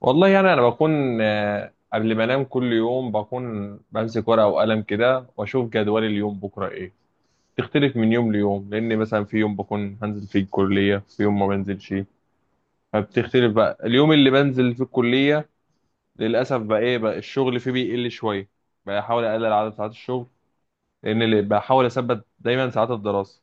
والله يعني انا بكون قبل ما انام كل يوم بكون بمسك ورقه وقلم كده واشوف جدول اليوم بكره ايه. تختلف من يوم ليوم لان مثلا في يوم بكون هنزل فيه الكليه، في يوم ما بنزلش. فبتختلف بقى اليوم اللي بنزل فيه الكليه. للاسف بقى ايه بقى الشغل فيه بيقل شويه، بحاول اقلل عدد ساعات الشغل لان اللي بحاول اثبت دايما ساعات الدراسه.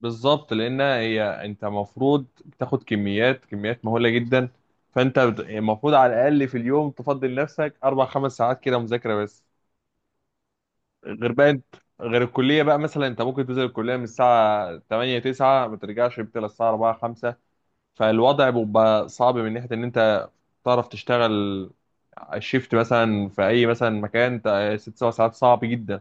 بالظبط، لان هي انت المفروض بتاخد كميات مهوله جدا. المفروض على الاقل في اليوم تفضل نفسك اربع خمس ساعات كده مذاكره بس. غير بقى انت غير الكليه بقى مثلا انت ممكن تنزل الكليه من الساعه 8 9 ما ترجعش بتلا الساعه 4 5. فالوضع بيبقى صعب من ناحيه ان انت تعرف تشتغل الشيفت مثلا في اي مثلا ست سبع ساعات صعب جدا.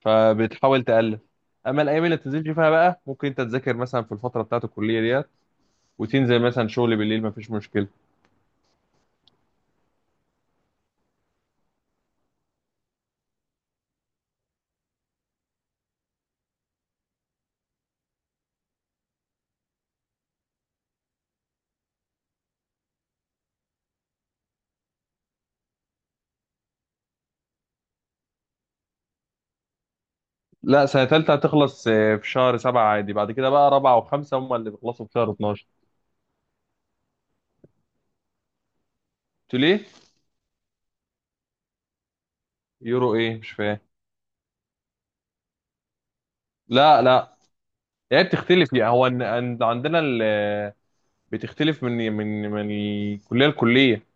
فبتحاول تقلل. اما الايام اللي بتنزلش فيها بقى ممكن انت تذاكر مثلا في الفتره بتاعت الكليه ديت، وتنزل مثلا شغل بالليل، مفيش مشكله. لا، سنه ثالثه هتخلص في شهر سبعة عادي، بعد كده بقى رابعه وخمسه هم اللي بيخلصوا في شهر 12. قلت له ليه. يورو ايه مش فاهم. لا لا. هي بتختلف، يعني عندنا بتختلف من الكليه لكليه.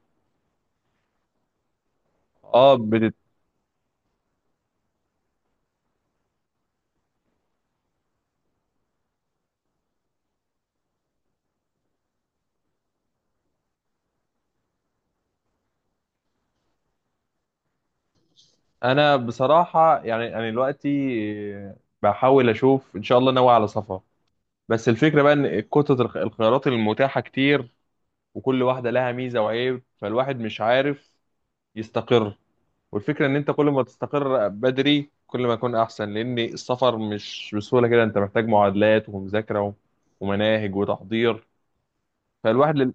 اه بتت... انا بصراحه يعني انا دلوقتي، آه، بحاول اشوف، ان شاء الله ناوي على سفر. بس الفكره بقى ان كتله الخيارات المتاحه كتير، وكل واحده لها ميزه وعيب، فالواحد مش عارف يستقر. والفكرة ان انت كل ما تستقر بدري كل ما يكون احسن، لان السفر مش بسهولة كده، انت محتاج معادلات ومذاكرة ومناهج وتحضير. فالواحد لل...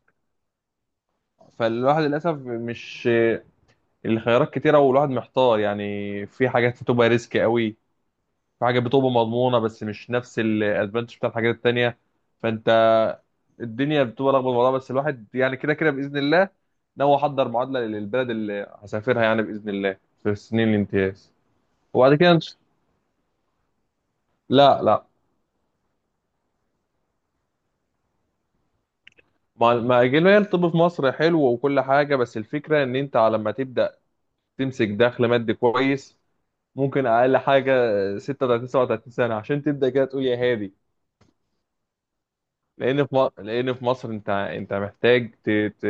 فالواحد للاسف مش، الخيارات كتيرة والواحد محتار، يعني في حاجات بتبقى ريسك قوي، في حاجات بتبقى مضمونة بس مش نفس الادفانتج بتاع الحاجات التانية. فانت الدنيا بتبقى لخبطة والله، بس الواحد يعني كده كده باذن الله ناوي احضر معادلة للبلد اللي هسافرها، يعني باذن الله في سنين الامتياز. وبعد كده إن- لا لا. ما ما اجل، هي الطب في مصر حلو وكل حاجه، بس الفكره ان انت على ما تبدا تمسك دخل مادي كويس، ممكن اقل حاجه 36 37 سنه عشان تبدا كده تقول يا هادي. لان في مصر انت محتاج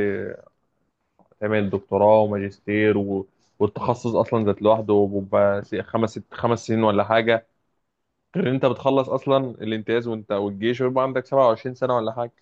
تعمل دكتوراه وماجستير والتخصص اصلا ذات لوحده بيبقى خمس ست خمس سنين ولا حاجه. غير ان انت بتخلص اصلا الامتياز وانت والجيش ويبقى عندك 27 سنه ولا حاجه.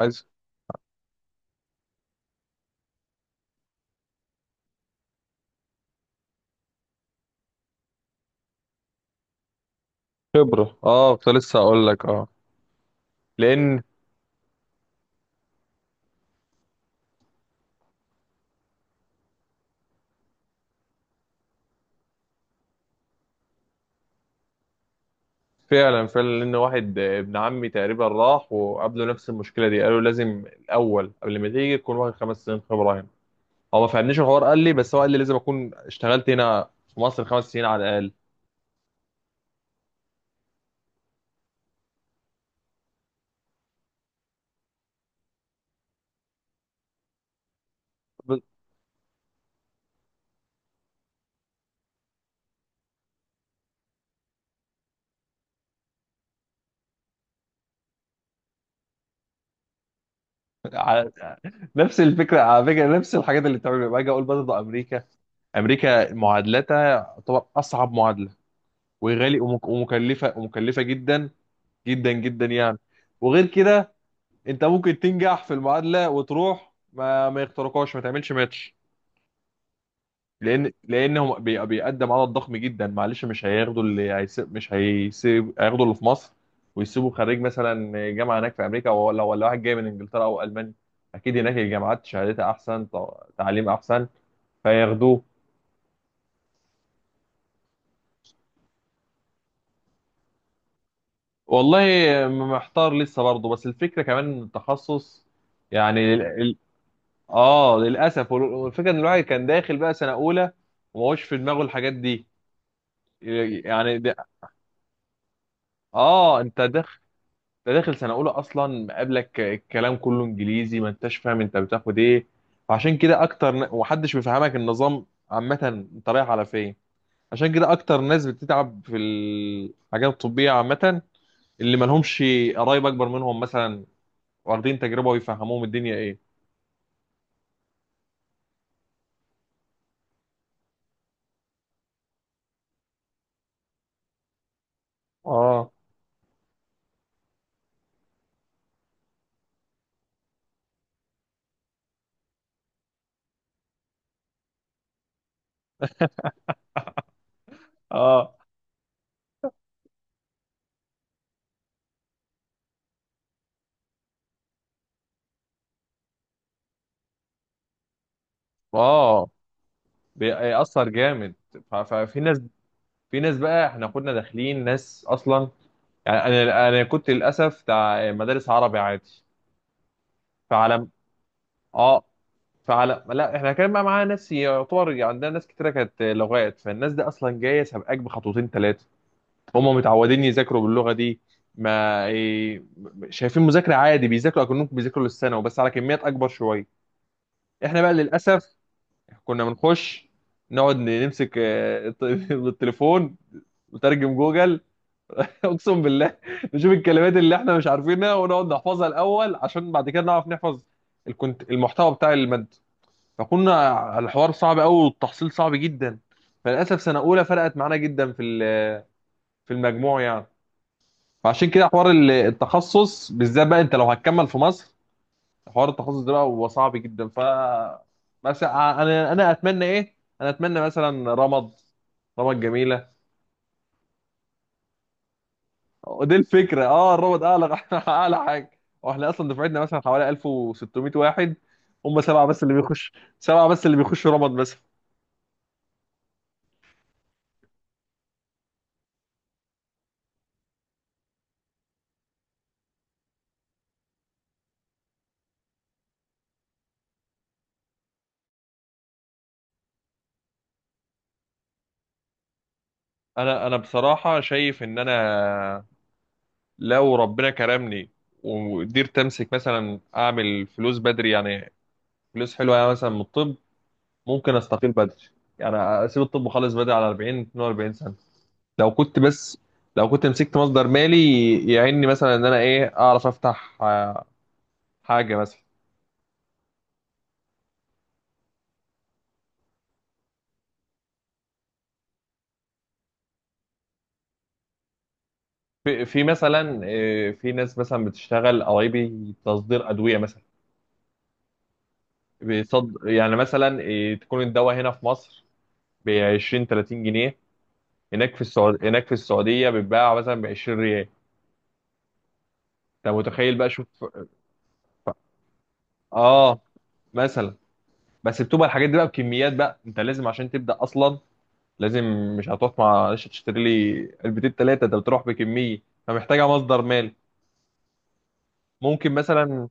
عايز خبره. اه كنت لسه اقول لك اه. لان فعلا فعلا لان واحد ابن عمي تقريبا راح وقابله نفس المشكله دي، قالوا لازم الاول قبل ما تيجي تكون واخد خمس سنين خبره هنا. هو ما فهمنيش الحوار، قال لي بس هو قال لي لازم اكون اشتغلت هنا في مصر خمس سنين على الاقل. ب- على- نفس الفكره، على فكره نفس الحاجات اللي بتعمل باجي اقول برضه امريكا. امريكا معادلتها تعتبر اصعب معادله، وغالي ومكلفه جدا جدا جدا يعني. وغير كده، انت ممكن تنجح في المعادله وتروح ما يخترقوش، ما تعملش ماتش. لان هو بيقدم عدد ضخم جدا، معلش مش هياخدوا اللي هيسيب، مش هيسيب هياخدوا اللي في مصر، ويسيبوا خريج مثلا جامعه هناك في امريكا، ولا واحد جاي من انجلترا او المانيا اكيد هناك الجامعات شهادتها احسن، تعليم احسن، فياخدوه. والله محتار لسه برضه، بس الفكره كمان إن التخصص، يعني اه، للاسف، والفكره ان الواحد كان داخل بقى سنه اولى وما هوش في دماغه الحاجات دي. يعني ده... اه، انت داخل، ده داخل سنه اولى اصلا، مقابلك الكلام كله انجليزي، ما انتش فاهم انت بتاخد ايه. فعشان كده اكتر ومحدش بيفهمك النظام، عامه انت رايح على فين. عشان كده اكتر ناس بتتعب في الحاجات الطبيه، عامه اللي ما لهمش قرايب اكبر منهم مثلا واخدين تجربه ويفهموهم الدنيا ايه. اه اه اه. بيأثر جامد. ففي ناس، في ناس بقى احنا كنا داخلين ناس اصلا. يعني انا كنت للاسف بتاع مدارس عربي عادي. فعلى اه فعلى لا، احنا كان بقى معانا ناس يعتبر، يعني عندنا ناس كتيره كانت لغات، فالناس دي اصلا جايه سابقاك بخطوتين ثلاثه، هم متعودين يذاكروا باللغه دي. ما إيه، شايفين مذاكره عادي، بيذاكروا اكنهم بيذاكروا للثانوي بس على كميات اكبر شويه. احنا بقى للاسف كنا بنخش نقعد نمسك التليفون وترجم جوجل. اقسم بالله، نشوف الكلمات اللي احنا مش عارفينها ونقعد نحفظها الاول عشان بعد كده نعرف نحفظ الكنت المحتوى بتاع الماده. فكنا الحوار صعب قوي والتحصيل صعب جدا. فللاسف سنه اولى فرقت معانا جدا في في المجموع يعني. فعشان كده حوار التخصص بالذات بقى، انت لو هتكمل في مصر، حوار التخصص ده بقى هو صعب جدا ف. مثلا انا اتمنى ايه، انا اتمنى مثلا رمض جميله. دي الفكره، اه الرمض اعلى اعلى حاجه. واحنا اصلا دفعتنا مثلا حوالي 1600 واحد، هم سبعه بس اللي بيخش، سبعه بس اللي بيخشوا رمض مثلا. انا بصراحه شايف ان انا لو ربنا كرمني وقدرت امسك مثلا اعمل فلوس بدري، يعني فلوس حلوه يعني مثلا من الطب، ممكن استقيل بدري. يعني اسيب الطب وخلص بدري على 40 42 سنه. لو كنت بس لو كنت مسكت مصدر مالي، يعيني مثلا ان انا ايه اعرف افتح حاجه مثلا. في مثلا في ناس مثلا بتشتغل قرايبي تصدير ادويه مثلا. يعني مثلا تكون الدواء هنا في مصر ب 20 30 جنيه، هناك هناك في السعوديه بيتباع مثلا ب 20 ريال. انت متخيل بقى شوف. اه مثلا، بس بتبقى الحاجات دي بقى بكميات، بقى انت لازم عشان تبدا اصلا لازم، مش هتقف معلش تشتري لي علبتين ثلاثه، ده بتروح بكميه فمحتاجه مصدر مالي. ممكن مثلا.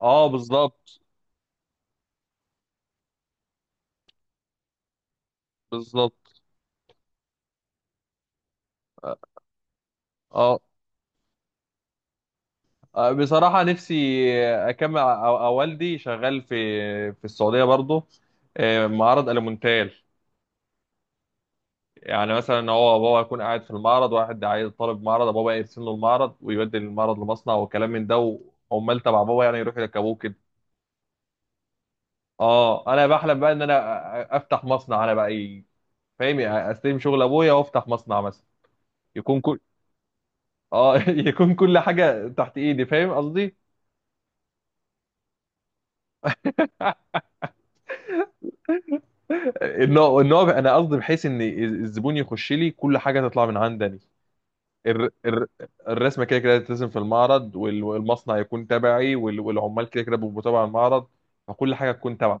اه بالظبط بالظبط. اه بصراحه نفسي اكمل، أو والدي شغال في السعوديه برضه، معرض الومنتال. يعني مثلا هو بابا يكون قاعد في المعرض، واحد عايز طالب معرض، بابا يرسم له المعرض ويبدل المعرض لمصنع وكلام من ده، وعمال تبع بابا يعني يروحوا يركبوه كده. اه، انا بحلم بقى ان انا افتح مصنع، انا بقى فاهم، يعني استلم شغل ابويا وافتح مصنع مثلا. يكون كل اه يكون كل حاجه تحت ايدي فاهم قصدي. ان هو انا قصدي بحيث ان الزبون يخش لي كل حاجه تطلع من عندي. الر- الر- الرسمه كده كده هتترسم في المعرض، والمصنع يكون تبعي، والعمال كده كده بيبقوا تبع المعرض، فكل حاجه تكون تبع.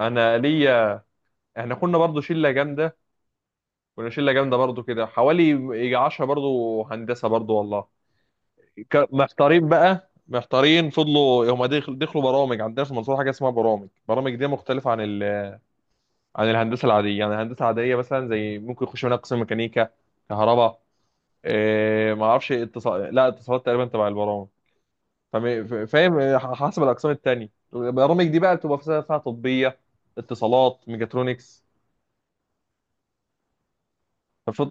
انا ليا، احنا كنا برضو شله جامده، كنا شله جامده برضو كده، حوالي يجي 10 برضو هندسه برضو والله. محتارين بقى محتارين، فضلوا هم دخلوا برامج، عندنا في المنصوره حاجه اسمها برامج، برامج دي مختلفه عن عن الهندسه العاديه. يعني الهندسه العاديه مثلا زي ممكن يخش منها قسم ميكانيكا، كهرباء، إيه ما اعرفش، لا، اتصالات تقريبا تبع البرامج. فاهم، حسب الاقسام التانية، البرامج دي بقى بتبقى فيها طبية، اتصالات، ميجاترونكس. ففض...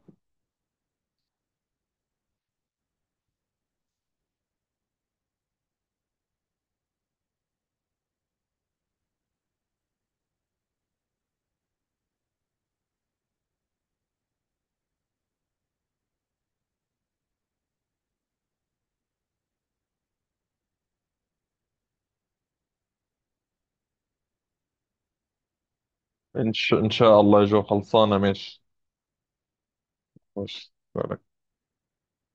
ان شاء الله يا جو خلصانة، ماشي. ماشي.